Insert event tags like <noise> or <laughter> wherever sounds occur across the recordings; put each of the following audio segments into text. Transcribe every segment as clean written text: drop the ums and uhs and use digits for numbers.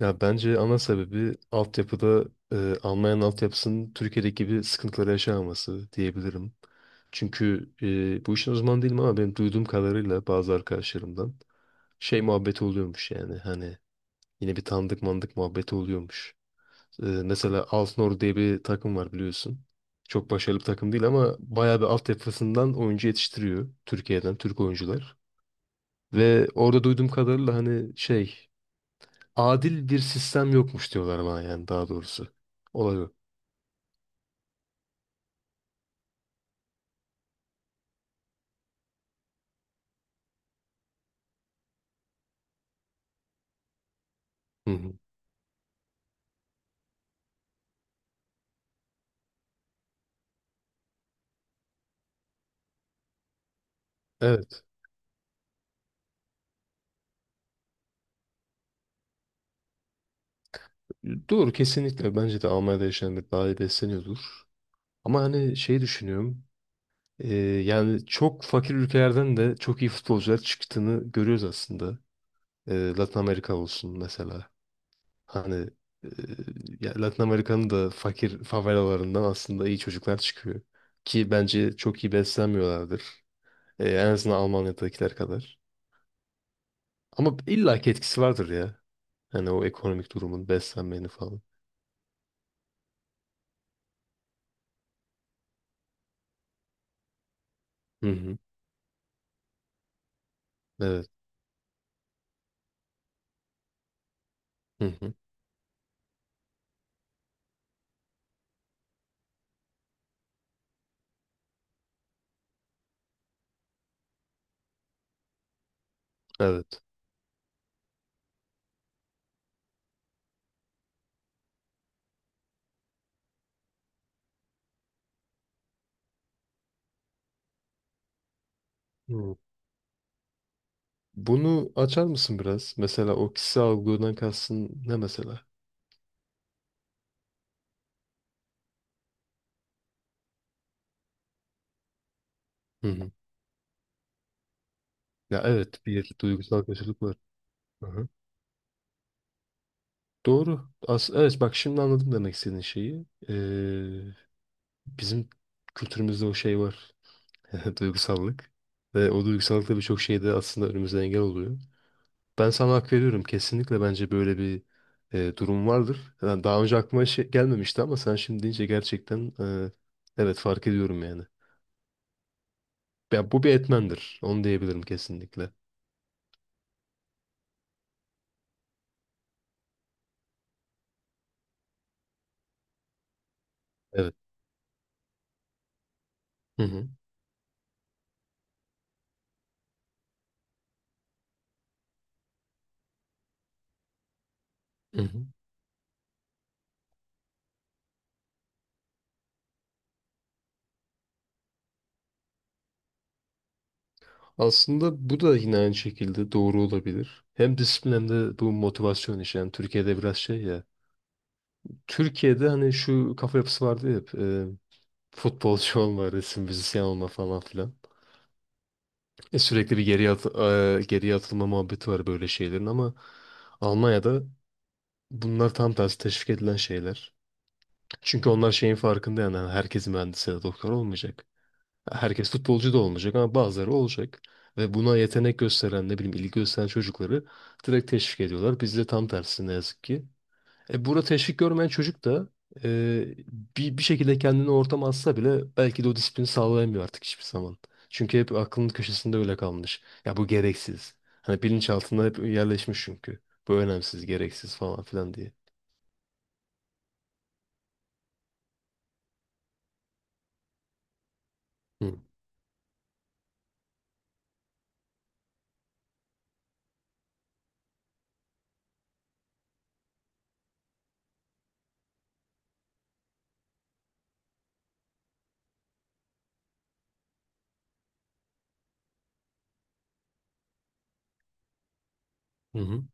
Ya bence ana sebebi altyapıda Almanya'nın altyapısının Türkiye'deki gibi sıkıntıları yaşamaması diyebilirim. Çünkü bu işin uzmanı değilim ama benim duyduğum kadarıyla bazı arkadaşlarımdan şey muhabbeti oluyormuş yani hani yine bir tanıdık mandık muhabbeti oluyormuş. Mesela Alkmaar diye bir takım var biliyorsun. Çok başarılı bir takım değil ama bayağı bir altyapısından oyuncu yetiştiriyor Türkiye'den Türk oyuncular. Ve orada duyduğum kadarıyla hani şey adil bir sistem yokmuş diyorlar bana yani daha doğrusu. Olay o. Hı hı. Evet. Doğru kesinlikle. Bence de Almanya'da yaşayanlar daha iyi besleniyordur. Ama hani şey düşünüyorum. e, Yani çok fakir ülkelerden de çok iyi futbolcular çıktığını görüyoruz aslında. Latin Amerika olsun mesela. Hani e, ya Latin Amerika'nın da fakir favelalarından aslında iyi çocuklar çıkıyor. Ki bence çok iyi beslenmiyorlardır. En azından Almanya'dakiler kadar. Ama illaki etkisi vardır ya. Hani o ekonomik durumun, beslenmeni falan. Hı hı. Evet. Hı hı. Evet. Hı. Bunu açar mısın biraz? Mesela o kişisel algıdan kastın ne mesela? Hı hı. Ya evet bir duygusal karşılık var. Hı hı. Doğru. As evet bak şimdi anladım demek istediğin şeyi. Bizim kültürümüzde o şey var. <laughs> Duygusallık. Ve o duygusallık da birçok şeyde aslında önümüze engel oluyor. Ben sana hak veriyorum. Kesinlikle bence böyle bir durum vardır. Yani daha önce aklıma şey gelmemişti ama sen şimdi deyince gerçekten evet fark ediyorum yani. Ya bu bir etmendir. Onu diyebilirim kesinlikle. Evet. Hı hı. Hı hı. Aslında bu da yine aynı şekilde doğru olabilir. Hem disiplin hem de bu motivasyon işi. Yani Türkiye'de biraz şey ya. Türkiye'de hani şu kafa yapısı vardı ya hep. Futbolcu <laughs> olma, resim müzisyen olma falan filan. Sürekli bir geriye, geriye atılma muhabbeti var böyle şeylerin ama Almanya'da bunlar tam tersi teşvik edilen şeyler. Çünkü onlar şeyin farkında yani hani herkes mühendis ya da doktor olmayacak. Herkes futbolcu da olmayacak ama bazıları olacak. Ve buna yetenek gösteren ne bileyim ilgi gösteren çocukları direkt teşvik ediyorlar. Bizde tam tersi ne yazık ki. Burada teşvik görmeyen çocuk da e, bir şekilde kendini o ortama atsa bile belki de o disiplini sağlayamıyor artık hiçbir zaman. Çünkü hep aklının köşesinde öyle kalmış. Ya bu gereksiz. Hani bilinçaltında hep yerleşmiş çünkü. Bu önemsiz, gereksiz falan filan diye. Hı. Hı hı.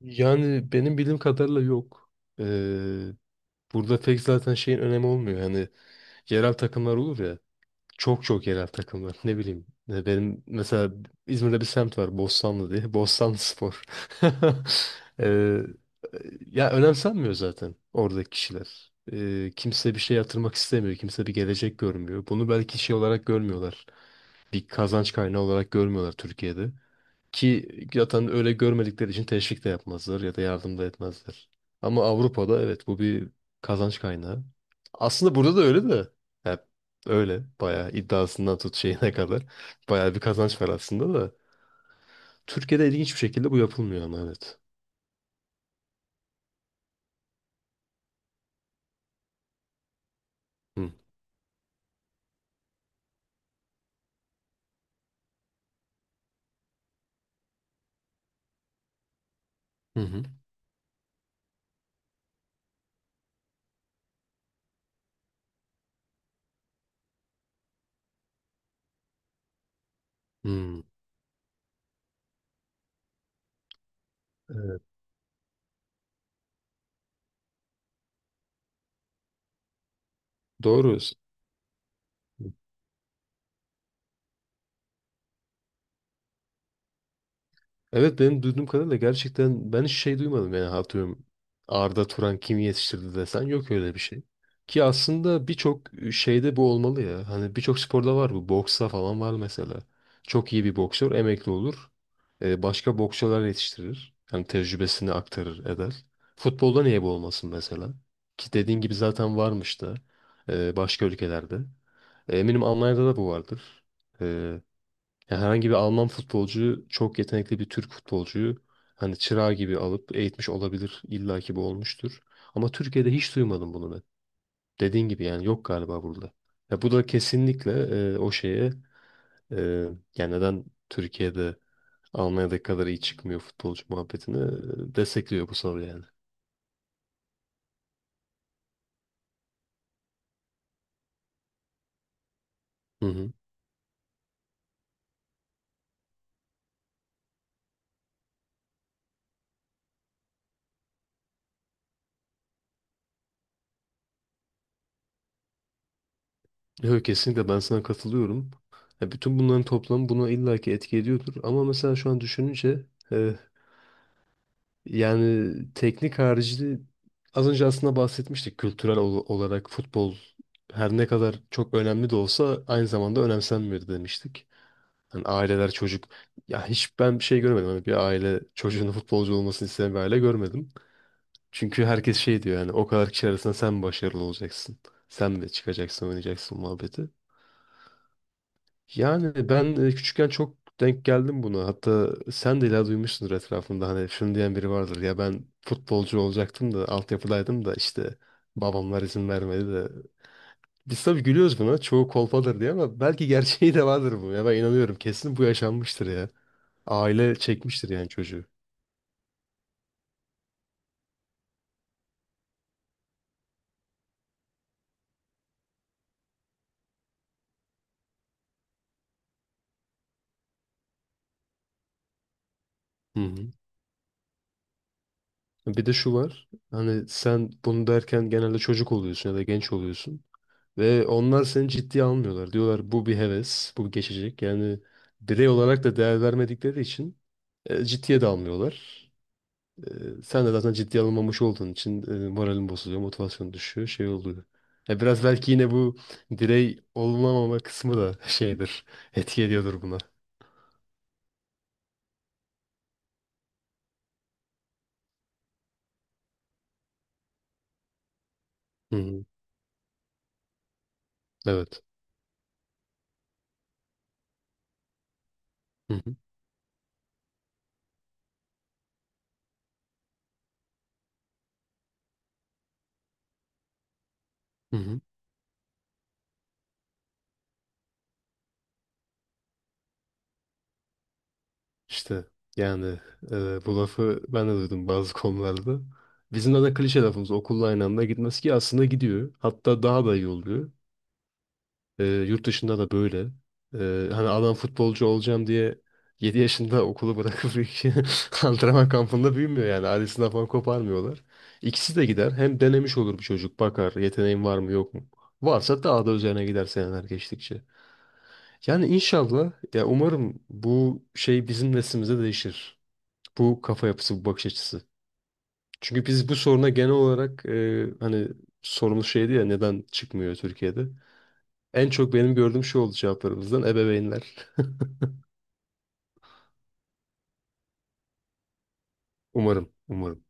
Yani benim bildiğim kadarıyla yok. E, Burada pek zaten şeyin önemi olmuyor. Hani yerel takımlar olur ya. Çok çok yerel takımlar. Ne bileyim. Benim mesela İzmir'de bir semt var. Bostanlı diye. Bostanlı Spor. <laughs> Ee, ya önemsenmiyor zaten oradaki kişiler. Kimse bir şey yatırmak istemiyor. Kimse bir gelecek görmüyor. Bunu belki şey olarak görmüyorlar. Bir kazanç kaynağı olarak görmüyorlar Türkiye'de. Ki zaten öyle görmedikleri için teşvik de yapmazlar ya da yardım da etmezler. Ama Avrupa'da evet bu bir kazanç kaynağı. Aslında burada da öyle de. Hep öyle bayağı iddiasından tut şeyine kadar. <laughs> Bayağı bir kazanç var aslında da. Türkiye'de ilginç bir şekilde bu yapılmıyor ama evet. Hı hı. Hı. Hı. Evet. Doğru. Evet benim duyduğum kadarıyla gerçekten ben hiç şey duymadım yani atıyorum Arda Turan kimi yetiştirdi desen yok öyle bir şey. Ki aslında birçok şeyde bu olmalı ya. Hani birçok sporda var bu. Boksta falan var mesela. Çok iyi bir boksör emekli olur. Başka boksörler yetiştirir. Yani tecrübesini aktarır eder. Futbolda niye bu olmasın mesela? Ki dediğin gibi zaten varmış da başka ülkelerde. Eminim Almanya'da da bu vardır. E, ya herhangi bir Alman futbolcuyu çok yetenekli bir Türk futbolcuyu hani çırağı gibi alıp eğitmiş olabilir. İlla ki bu olmuştur. Ama Türkiye'de hiç duymadım bunu ben. Dediğin gibi yani yok galiba burada. Ya bu da kesinlikle o şeye e, yani neden Türkiye'de Almanya'daki kadar iyi çıkmıyor futbolcu muhabbetini destekliyor bu soru yani. Hı hı. Yok kesinlikle ben sana katılıyorum. Ya bütün bunların toplamı buna illaki etki ediyordur. Ama mesela şu an düşününce e, yani teknik harici az önce aslında bahsetmiştik kültürel olarak futbol her ne kadar çok önemli de olsa aynı zamanda önemsenmiyor demiştik. Hani aileler çocuk ya hiç ben bir şey görmedim. Hani bir aile çocuğunun futbolcu olmasını isteyen bir aile görmedim. Çünkü herkes şey diyor yani o kadar kişi arasında sen başarılı olacaksın. Sen de çıkacaksın oynayacaksın muhabbeti. Yani ben küçükken çok denk geldim buna. Hatta sen de illa duymuşsundur etrafında hani şunu diyen biri vardır. Ya ben futbolcu olacaktım da altyapıdaydım da işte babamlar izin vermedi de. Biz tabii gülüyoruz buna. Çoğu kolpadır diye ama belki gerçeği de vardır bu. Ya ben inanıyorum. Kesin bu yaşanmıştır ya. Aile çekmiştir yani çocuğu. Hı hı. Bir de şu var. Hani sen bunu derken genelde çocuk oluyorsun ya da genç oluyorsun. Ve onlar seni ciddiye almıyorlar. Diyorlar bu bir heves, bu geçecek. Yani birey olarak da değer vermedikleri için ciddiye de almıyorlar. Sen de zaten ciddiye alınmamış olduğun için moralin bozuluyor, motivasyon düşüyor, şey oluyor. Ya biraz belki yine bu birey olunamama kısmı da <laughs> şeydir, etki ediyordur buna. Hı hı. Evet. Hı hı. Hı hı. İşte yani bu lafı ben de duydum bazı konularda. Bizim de, klişe lafımız okulla aynı anda gitmez ki aslında gidiyor. Hatta daha da iyi oluyor. Yurt dışında da böyle. Hani adam futbolcu olacağım diye 7 yaşında okulu bırakıp <laughs> antrenman kampında büyümüyor yani. Ailesinden falan koparmıyorlar. İkisi de gider. Hem denemiş olur bir çocuk. Bakar yeteneğin var mı yok mu. Varsa daha da üzerine gider seneler geçtikçe. Yani inşallah ya umarım bu şey bizim neslimize değişir. Bu kafa yapısı, bu bakış açısı. Çünkü biz bu soruna genel olarak hani sorumuz şeydi ya neden çıkmıyor Türkiye'de? En çok benim gördüğüm şey oldu cevaplarımızdan ebeveynler. <laughs> Umarım, umarım.